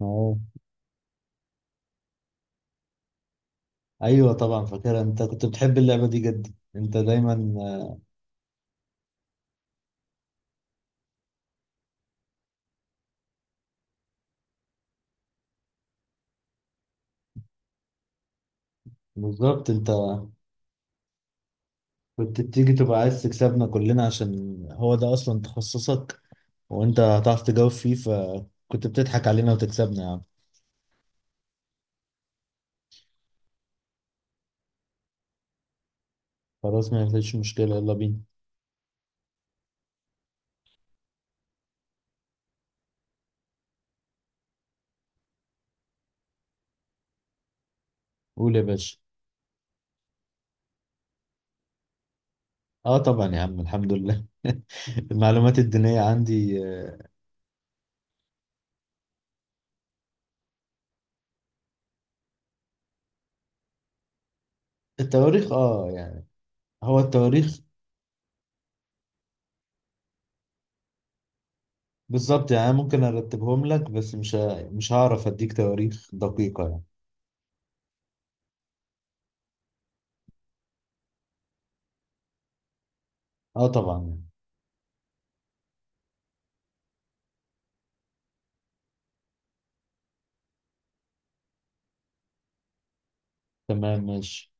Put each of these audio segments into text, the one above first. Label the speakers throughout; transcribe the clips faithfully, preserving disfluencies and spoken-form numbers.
Speaker 1: اه، ايوه طبعا فاكرها. انت كنت بتحب اللعبه دي جدا، انت دايما آه، بالظبط. انت كنت بتيجي تبقى عايز تكسبنا كلنا عشان هو ده اصلا تخصصك، وانت هتعرف تجاوب فيه، فكنت بتضحك علينا وتكسبنا يا عم. خلاص ما فيش مشكله، يلا بينا. قول يا باشا. اه طبعا يا عم، الحمد لله المعلومات الدينيه عندي، آه، التواريخ اه يعني، هو التواريخ بالظبط. يعني أنا ممكن ارتبهم لك، بس مش ه- مش هعرف اديك تواريخ دقيقه يعني. اه طبعا يعني. تمام ماشي.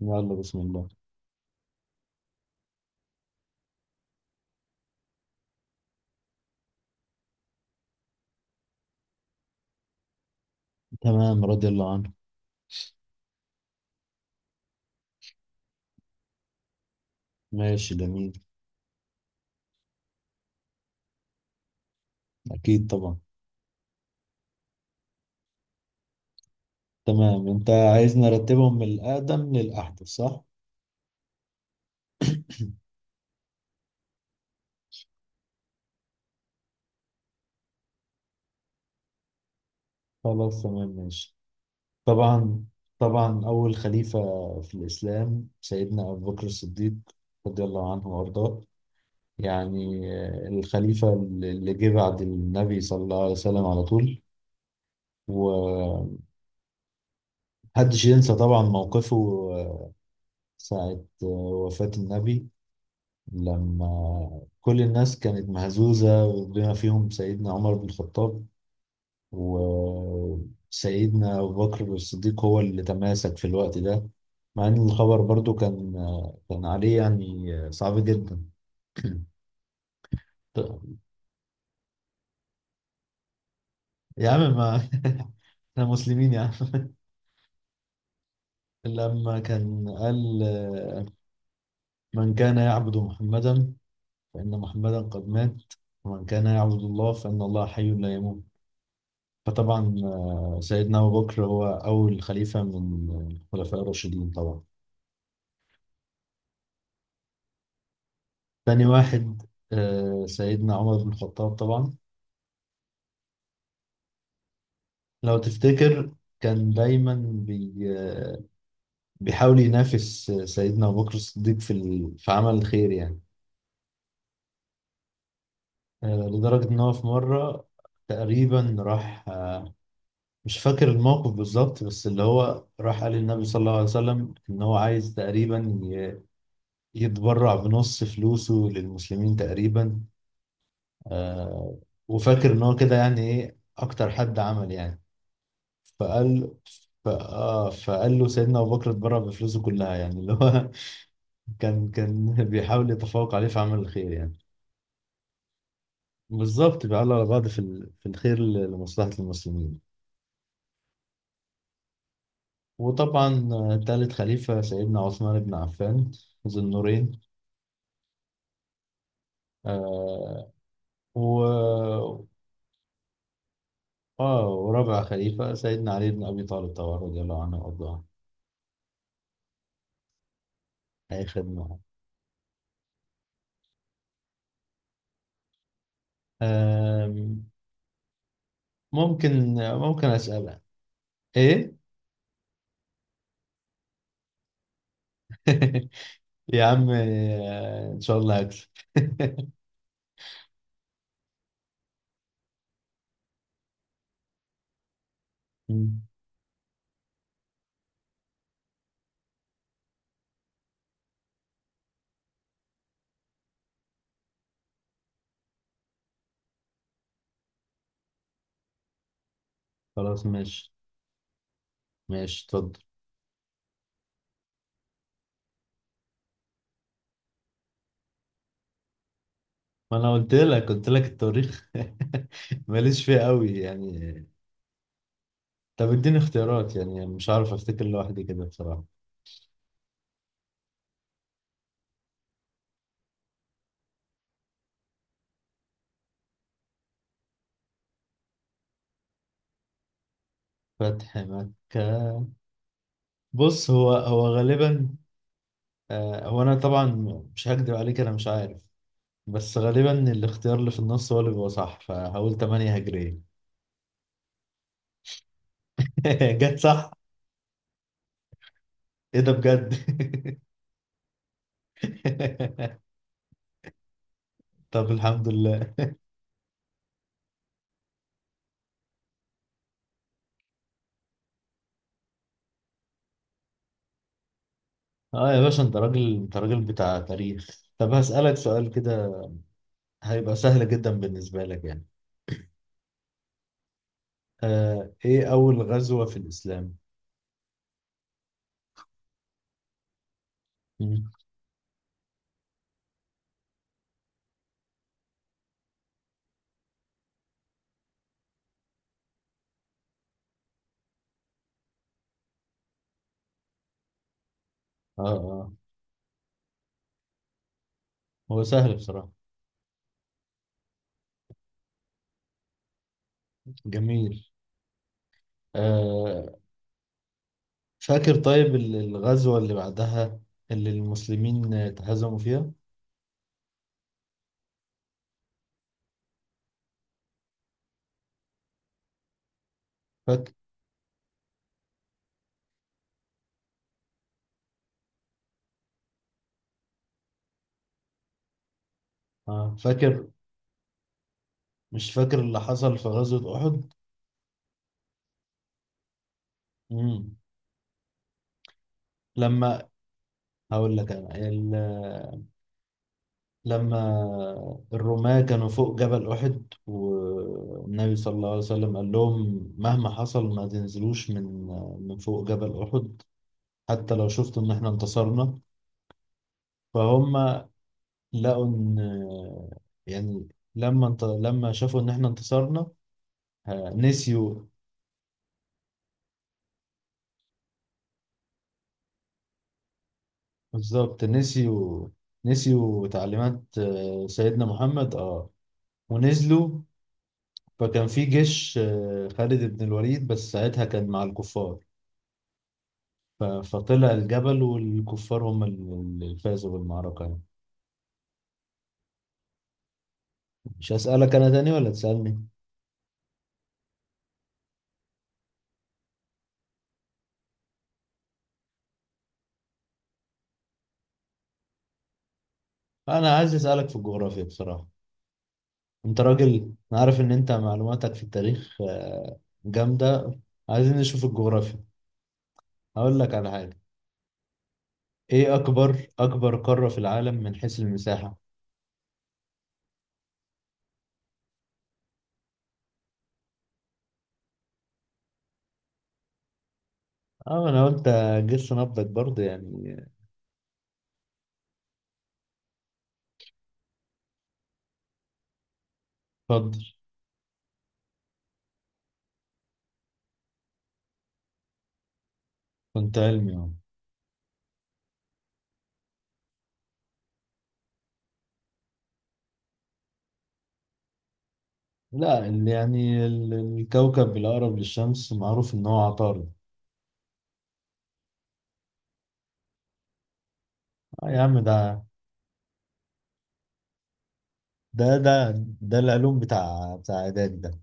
Speaker 1: يلا بسم الله. تمام رضي الله عنه. ماشي جميل. أكيد طبعا. تمام، أنت عايز نرتبهم من الأقدم للأحدث صح؟ خلاص تمام ماشي. طبعا، طبعا أول خليفة في الإسلام سيدنا أبو بكر الصديق رضي الله عنه وأرضاه. يعني آه، الخليفة اللي جه بعد النبي صلى الله عليه وسلم على طول. ومحدش ينسى طبعا موقفه، آه، ساعة آه، وفاة النبي، لما كل الناس كانت مهزوزة، بما فيهم سيدنا عمر بن الخطاب. وسيدنا أبو بكر الصديق هو اللي تماسك في الوقت ده، مع إن الخبر برضو كان كان عليه يعني صعب جدا. يا عم، ما احنا مسلمين يا عم. لما كان قال آه، من كان يعبد محمدا فإن محمدا قد مات، ومن كان يعبد الله فإن الله حي لا يموت. فطبعا آه، سيدنا أبو بكر هو أول خليفة من الخلفاء الراشدين طبعا. تاني واحد آه، سيدنا عمر بن الخطاب طبعا. لو تفتكر، كان دايما بي آه، بيحاول ينافس آه، سيدنا أبو بكر الصديق في ال- في عمل الخير يعني. آه، لدرجة إن هو في مرة تقريبا راح آه، مش فاكر الموقف بالظبط، بس اللي هو راح قال للنبي صلى الله عليه وسلم إن هو عايز تقريبا ي- يتبرع بنص فلوسه للمسلمين تقريبا. آه وفاكر ان هو كده، يعني ايه اكتر حد عمل يعني. فقال، ف- آه فقال له سيدنا ابو بكر اتبرع بفلوسه كلها، يعني اللي هو كان كان بيحاول يتفوق عليه في عمل الخير يعني. بالظبط، بيعلوا على بعض في ال- في الخير ل- لمصلحة المسلمين. وطبعا آه، تالت خليفة سيدنا عثمان بن عفان ذو النورين. آه و اه ورابع خليفة سيدنا علي بن أبي طالب طبعا رضي الله عنه وأرضاه. أي خدمة. آه ممكن، ممكن اسالها ايه. يا عم آه، ان شاء الله هكسب. مم. خلاص ماشي. ماشي اتفضل. ما انا قلت لك، قلت لك التاريخ. ماليش فيه قوي يعني. طب اديني اختيارات، يعني مش عارف افتكر لوحدي كده بصراحة. فتح مكة. بص، هو هو غالبا، آه هو انا طبعا مش هكدب عليك، انا مش عارف، بس غالبا الاختيار اللي في النص هو اللي بيبقى صح، فهقول تمانية هجرية. جت صح. ايه ده بجد. طب الحمد لله. اه يا باشا، انت راجل انت راجل بتاع تاريخ. طب هسألك سؤال كده هيبقى سهل جدا بالنسبة لك يعني. آه ايه أول غزوة في الإسلام؟ مم. اه اه. هو سهل بصراحة. جميل. آه فاكر. طيب ال- الغزوة اللي بعدها اللي المسلمين اتهزموا فيها؟ فاكر. اه فاكر. مش فاكر اللي حصل في غزوة أحد؟ مم. لما هقول لك انا، لما الرماة كانوا فوق جبل أحد والنبي صلى الله عليه وسلم قال لهم مهما حصل ما تنزلوش من من فوق جبل أحد حتى لو شفتوا إن إحنا انتصرنا. فهم لقوا إن، يعني، لما انت لما شافوا إن إحنا انتصرنا آه، نسيوا. بالظبط، نسيوا. نسيوا تعليمات آه، سيدنا محمد اه، ونزلوا. فكان في جيش آه، خالد بن الوليد، بس ساعتها كان مع الكفار. ف- فطلع الجبل، والكفار هم ال- اللي فازوا بالمعركة يعني. مش هسألك أنا تاني ولا تسألني؟ أنا عايز أسألك في الجغرافيا بصراحة. أنت راجل، أنا عارف إن أنت معلوماتك في التاريخ آه، جامدة. عايزين نشوف الجغرافيا. هقول لك على حاجة. إيه أكبر أكبر قارة في العالم من حيث المساحة؟ أه أنا قلت، جس نبضك برضه يعني. اتفضل. كنت علمي أهو. لا، ال- يعني ال- الكوكب الأقرب للشمس معروف إن هو عطارد. آه يا عم، ده ده ده ده العلوم بتاع بتاع اعدادي ده.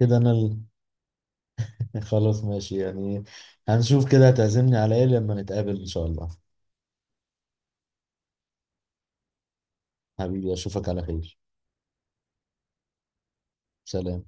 Speaker 1: كده انا ال... خلاص ماشي يعني، هنشوف كده هتعزمني على ايه لما نتقابل ان شاء الله. حبيبي اشوفك على خير. سلام.